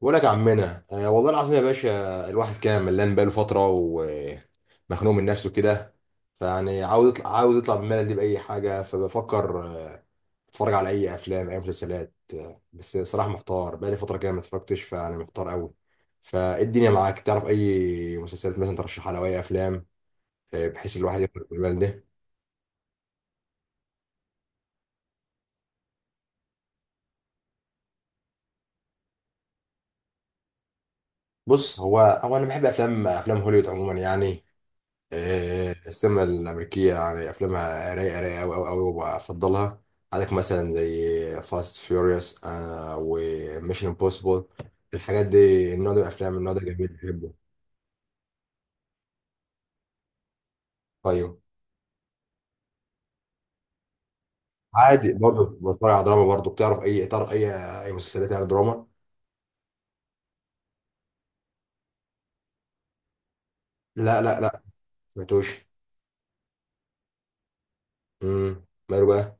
بقول لك يا عمنا، آه والله العظيم يا باشا، الواحد كان ملان بقاله فترة ومخنوق من نفسه كده. فيعني عاوز يطلع، من الملل دي بأي حاجة. فبفكر اتفرج على أي أفلام، أي مسلسلات. بس صراحة محتار بقالي فترة كده ما اتفرجتش، فيعني محتار قوي. فإيه الدنيا معاك، تعرف أي مسلسلات مثلا ترشحها، لو أي أفلام، بحيث الواحد يخرج من الملل ده. بص، هو أنا بحب أفلام، أفلام هوليوود عموما يعني. السينما الأمريكية يعني أفلامها رايقة رايقة أوي أوي أوي وبفضلها. عندك مثلا زي فاست فيوريوس وميشن امبوسيبل، الحاجات دي، النوع ده من الأفلام، النوع ده جميل بحبه. أيوه. عادي برضه، بتفرج على دراما برضه. بتعرف أي إطار، أي أي مسلسلات يعني دراما؟ لا لا لا، سمعتوش. امم، ماله بقى؟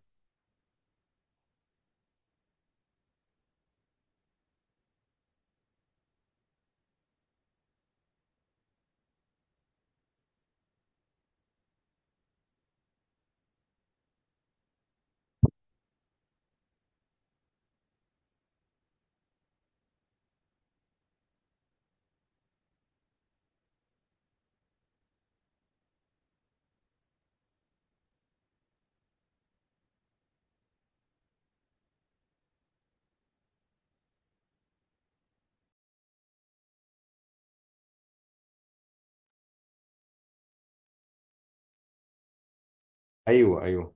أيوه أيوه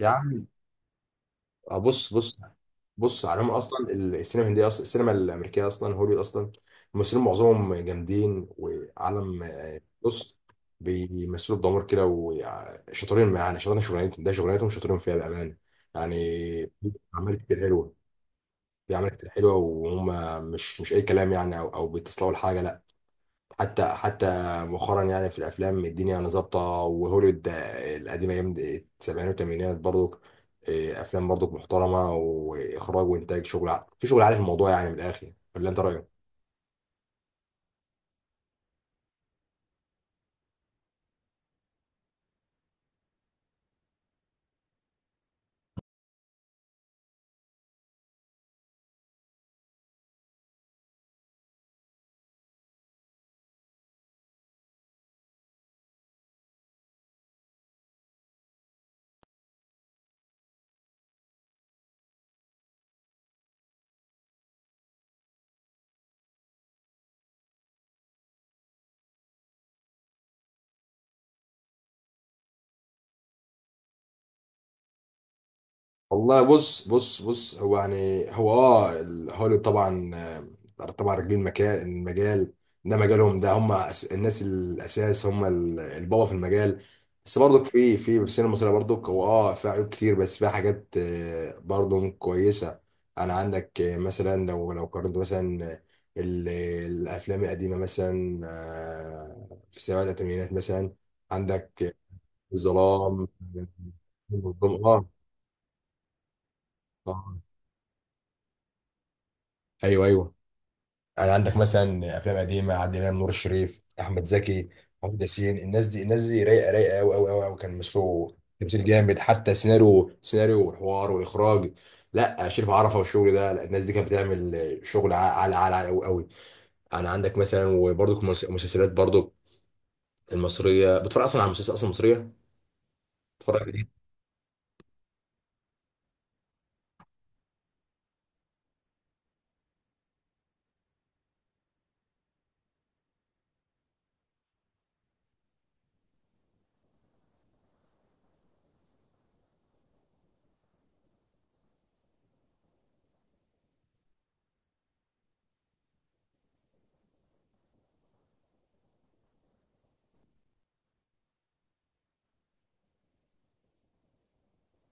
يعني. بص بص. بص عليهم، أصلا السينما الهندية، أصلا السينما الأمريكية، أصلا هوليوود، أصلا الممثلين معظمهم جامدين وعالم. بص، بيمثلوا بضمير كده وشاطرين، معانا شاطرين شغلانتهم، ده شغلانتهم شاطرين فيها بامانه يعني. في اعمال كتير حلوه، في اعمال كتير حلوه، وهم مش اي كلام يعني، او بيتصلوا لحاجه، لا. حتى حتى مؤخرا يعني، في الافلام الدنيا يعني ظابطه. وهوليوود القديمه، ايام السبعينات والثمانينات برضو، افلام برضو محترمه، واخراج وانتاج، في شغل عالي في الموضوع يعني، من الاخر. ولا انت رايك؟ والله بص بص بص، هو يعني هو اه هوليوود طبعا، طبعا راكبين المكان، المجال ده مجالهم. ده هم الناس الاساس، هم البابا في المجال. بس برضك في السينما المصريه برضك، هو اه فيها عيوب كتير، بس فيها حاجات برضه كويسه. انا عندك مثلا، لو قارنت مثلا، ال- الافلام القديمه مثلا، في السبعينات والثمانينات مثلا، عندك الظلام. اه آه. آه. ايوه ايوه. يعني عندك مثلا افلام قديمه، عادل امام، نور الشريف، احمد زكي، محمود ياسين. الناس دي، الناس دي رايقه رايقه قوي قوي قوي قوي. كان مسرو تمثيل جامد، حتى سيناريو، سيناريو وحوار واخراج. لا شريف عرفه والشغل ده، لا الناس دي كانت بتعمل شغل، على على على قوي قوي يعني. عندك مثلا، وبرضك المسلسلات برضك المصريه، بتتفرج اصلا على المسلسلات اصلا المصريه؟ بتتفرج في دي؟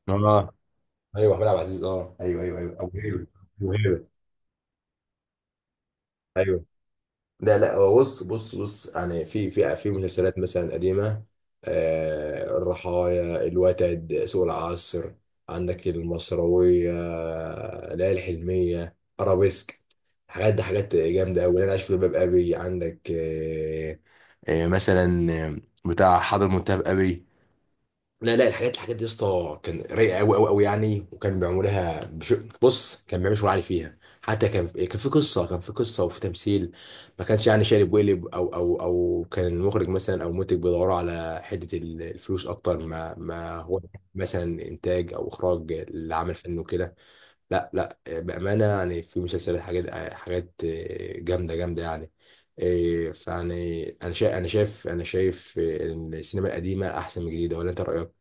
اه. ايوه، احمد عبد العزيز، اه ايوه ايوه ايوه، ابو هيبه. أبو هيبة. ايوه. لا لا، هو بص بص بص، يعني في مسلسلات مثلا قديمة، آه الرحايا، الوتد، سوق العصر، عندك المصروية، ليالي الحلمية، أرابيسك. حاجات دي حاجات جامدة أوي. أنا عايش في جلباب أبي، عندك آه آه مثلا، بتاع حضر منتهى أبي. لا لا، الحاجات، الحاجات دي يا اسطى كان رايقه قوي قوي قوي يعني. بص كان بيعمل شغل عالي فيها. حتى كان كان في قصه وفي تمثيل. ما كانش يعني شارب وقلب، او كان المخرج مثلا او المنتج بيدوروا على حته الفلوس اكتر ما هو مثلا انتاج او اخراج لعمل فني وكده. لا لا، بامانه يعني، في مسلسلات حاجات، حاجات جامده جامده يعني. فيعني انا شايف، ان السينما القديمه احسن من الجديده. ولا انت رايك؟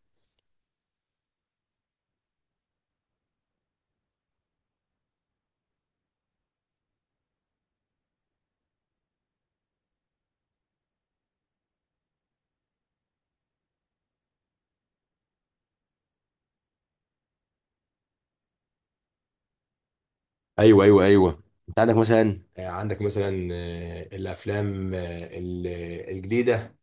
ايوه ايوه ايوه. انت عندك مثلا، عندك مثلا، الافلام الجديده،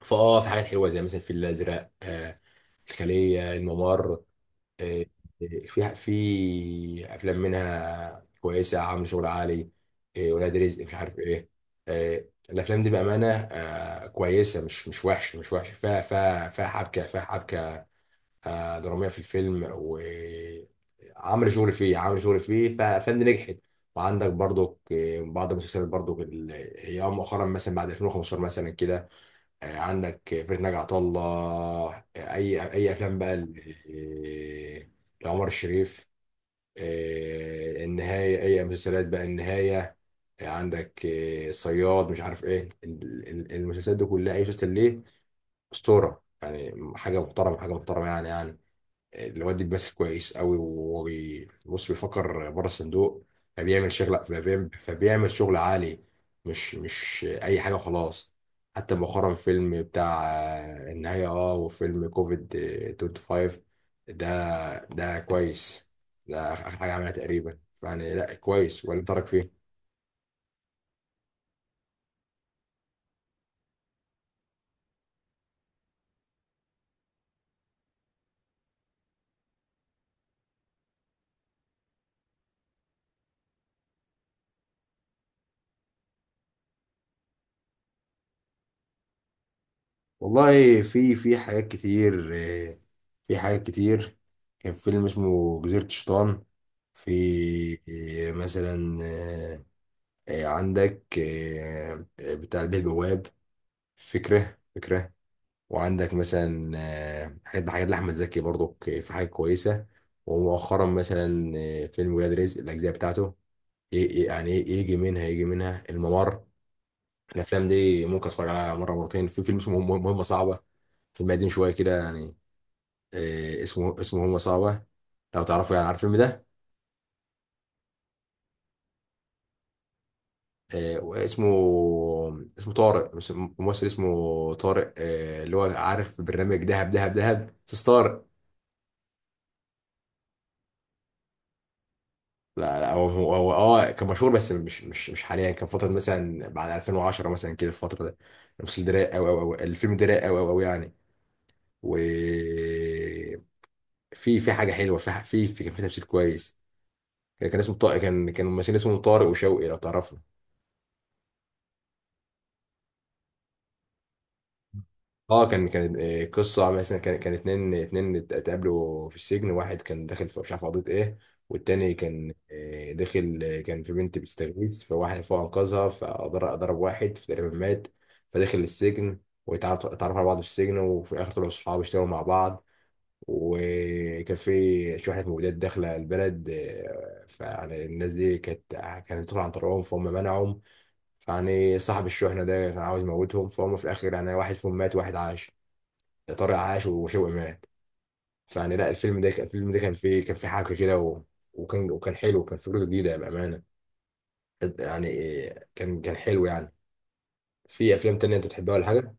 فاه في حاجات حلوه، زي مثلا الفيل الازرق، الخليه، الممر، آه، في افلام منها كويسه، عامل شغل عالي. ولاد رزق، مش عارف ايه. آه، الافلام دي بامانه كويسه، مش وحش، مش وحش، فيها حبكه، فيها حبكه دراميه في الفيلم، وعمل شغل فيه، ففند نجحت. وعندك برضو بعض المسلسلات برضو، هي مؤخرا مثلا بعد 2015 مثلا كده، عندك فرقة ناجي عطا الله، اي افلام بقى آه، لعمر الشريف، النهايه. اي مسلسلات بقى النهايه، عندك صياد، مش عارف ايه، المسلسلات دي كلها، اي مسلسل ليه اسطوره يعني، حاجه محترمه، حاجه محترمه يعني يعني. الواد دي بيمثل كويس قوي، وهو بص بيفكر بره الصندوق، فبيعمل شغل عالي، مش مش اي حاجه وخلاص. حتى مؤخرا، فيلم بتاع النهايه، اه، وفيلم كوفيد 25، ده ده كويس، ده اخر حاجه عملها تقريبا يعني، لا كويس، ولا ترك فيه. والله في في حاجات كتير، في حاجات كتير. كان فيلم اسمه جزيرة الشيطان، في مثلا عندك بتاع البيه البواب. فكرة فكرة. وعندك مثلا حاجات، حاجات لأحمد زكي برضو، في حاجات كويسة. ومؤخرا مثلا فيلم ولاد رزق، الأجزاء بتاعته. يعني يجي منها، يجي منها الممر. الأفلام دي ممكن أتفرج عليها مرة مرتين. في فيلم اسمه مهمة صعبة، فيلم قديم شوية كده يعني، اسمه هم صعبة، لو تعرفوا يعني، عارف الفيلم ده؟ واسمه، اسمه طارق. مش ممثل اسمه طارق اللي هو، عارف برنامج دهب دهب دهب، بس طارق. لا لا، هو هو هو اه كان مشهور، بس مش حاليا، كان فترة مثلا بعد 2010 مثلا كده، الفترة ده. الممثل ده رايق قوي قوي قوي، الفيلم ده رايق قوي قوي قوي يعني. و في حاجة حلوة، في كان في تمثيل كويس. كان كان اسمه طارق، كان كان ممثلين اسمه طارق وشوقي، لو تعرفوا. اه كان كان قصه مثلا، كان كان اتقابلوا في السجن، واحد كان داخل في مش عارف قضيه ايه، والتاني كان داخل كان في بنت بتستغيث، فواحد فوق انقذها، فضرب ضرب واحد فتقريبا مات، فدخل السجن، واتعرفوا على بعض في السجن، وفي الاخر طلعوا صحاب، اشتغلوا مع بعض. وكان في شوية مولودات داخلة البلد فيعني الناس دي كانت، كانت بتدخل عن طريقهم، فهم منعهم. فيعني صاحب الشحنة ده كان عاوز يموتهم، فهم في الآخر يعني، واحد فيهم مات وواحد عاش. طارق عاش وشوقي مات. فيعني لا الفيلم ده، الفيلم ده كان فيه، كان فيه حبكه كده، وكان، وكان حلو، وكان فكرته جديده بامانه يعني. كان كان حلو يعني. في افلام تانية انت بتحبها ولا حاجه؟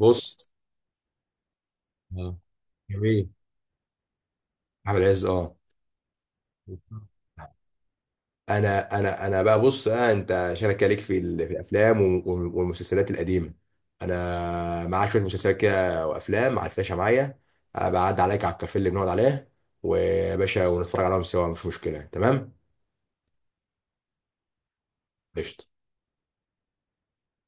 بص آه. جميل. احمد عز اه. انا انا انا بقى، بص آه، انت شارك عليك في في الافلام والمسلسلات القديمه، انا معايا شويه مسلسلات كده وافلام على الفلاشه معايا. بعد عليك على الكافيه اللي بنقعد عليه ويا باشا، ونتفرج عليهم سوا، مش مشكله، تمام؟ قشطه.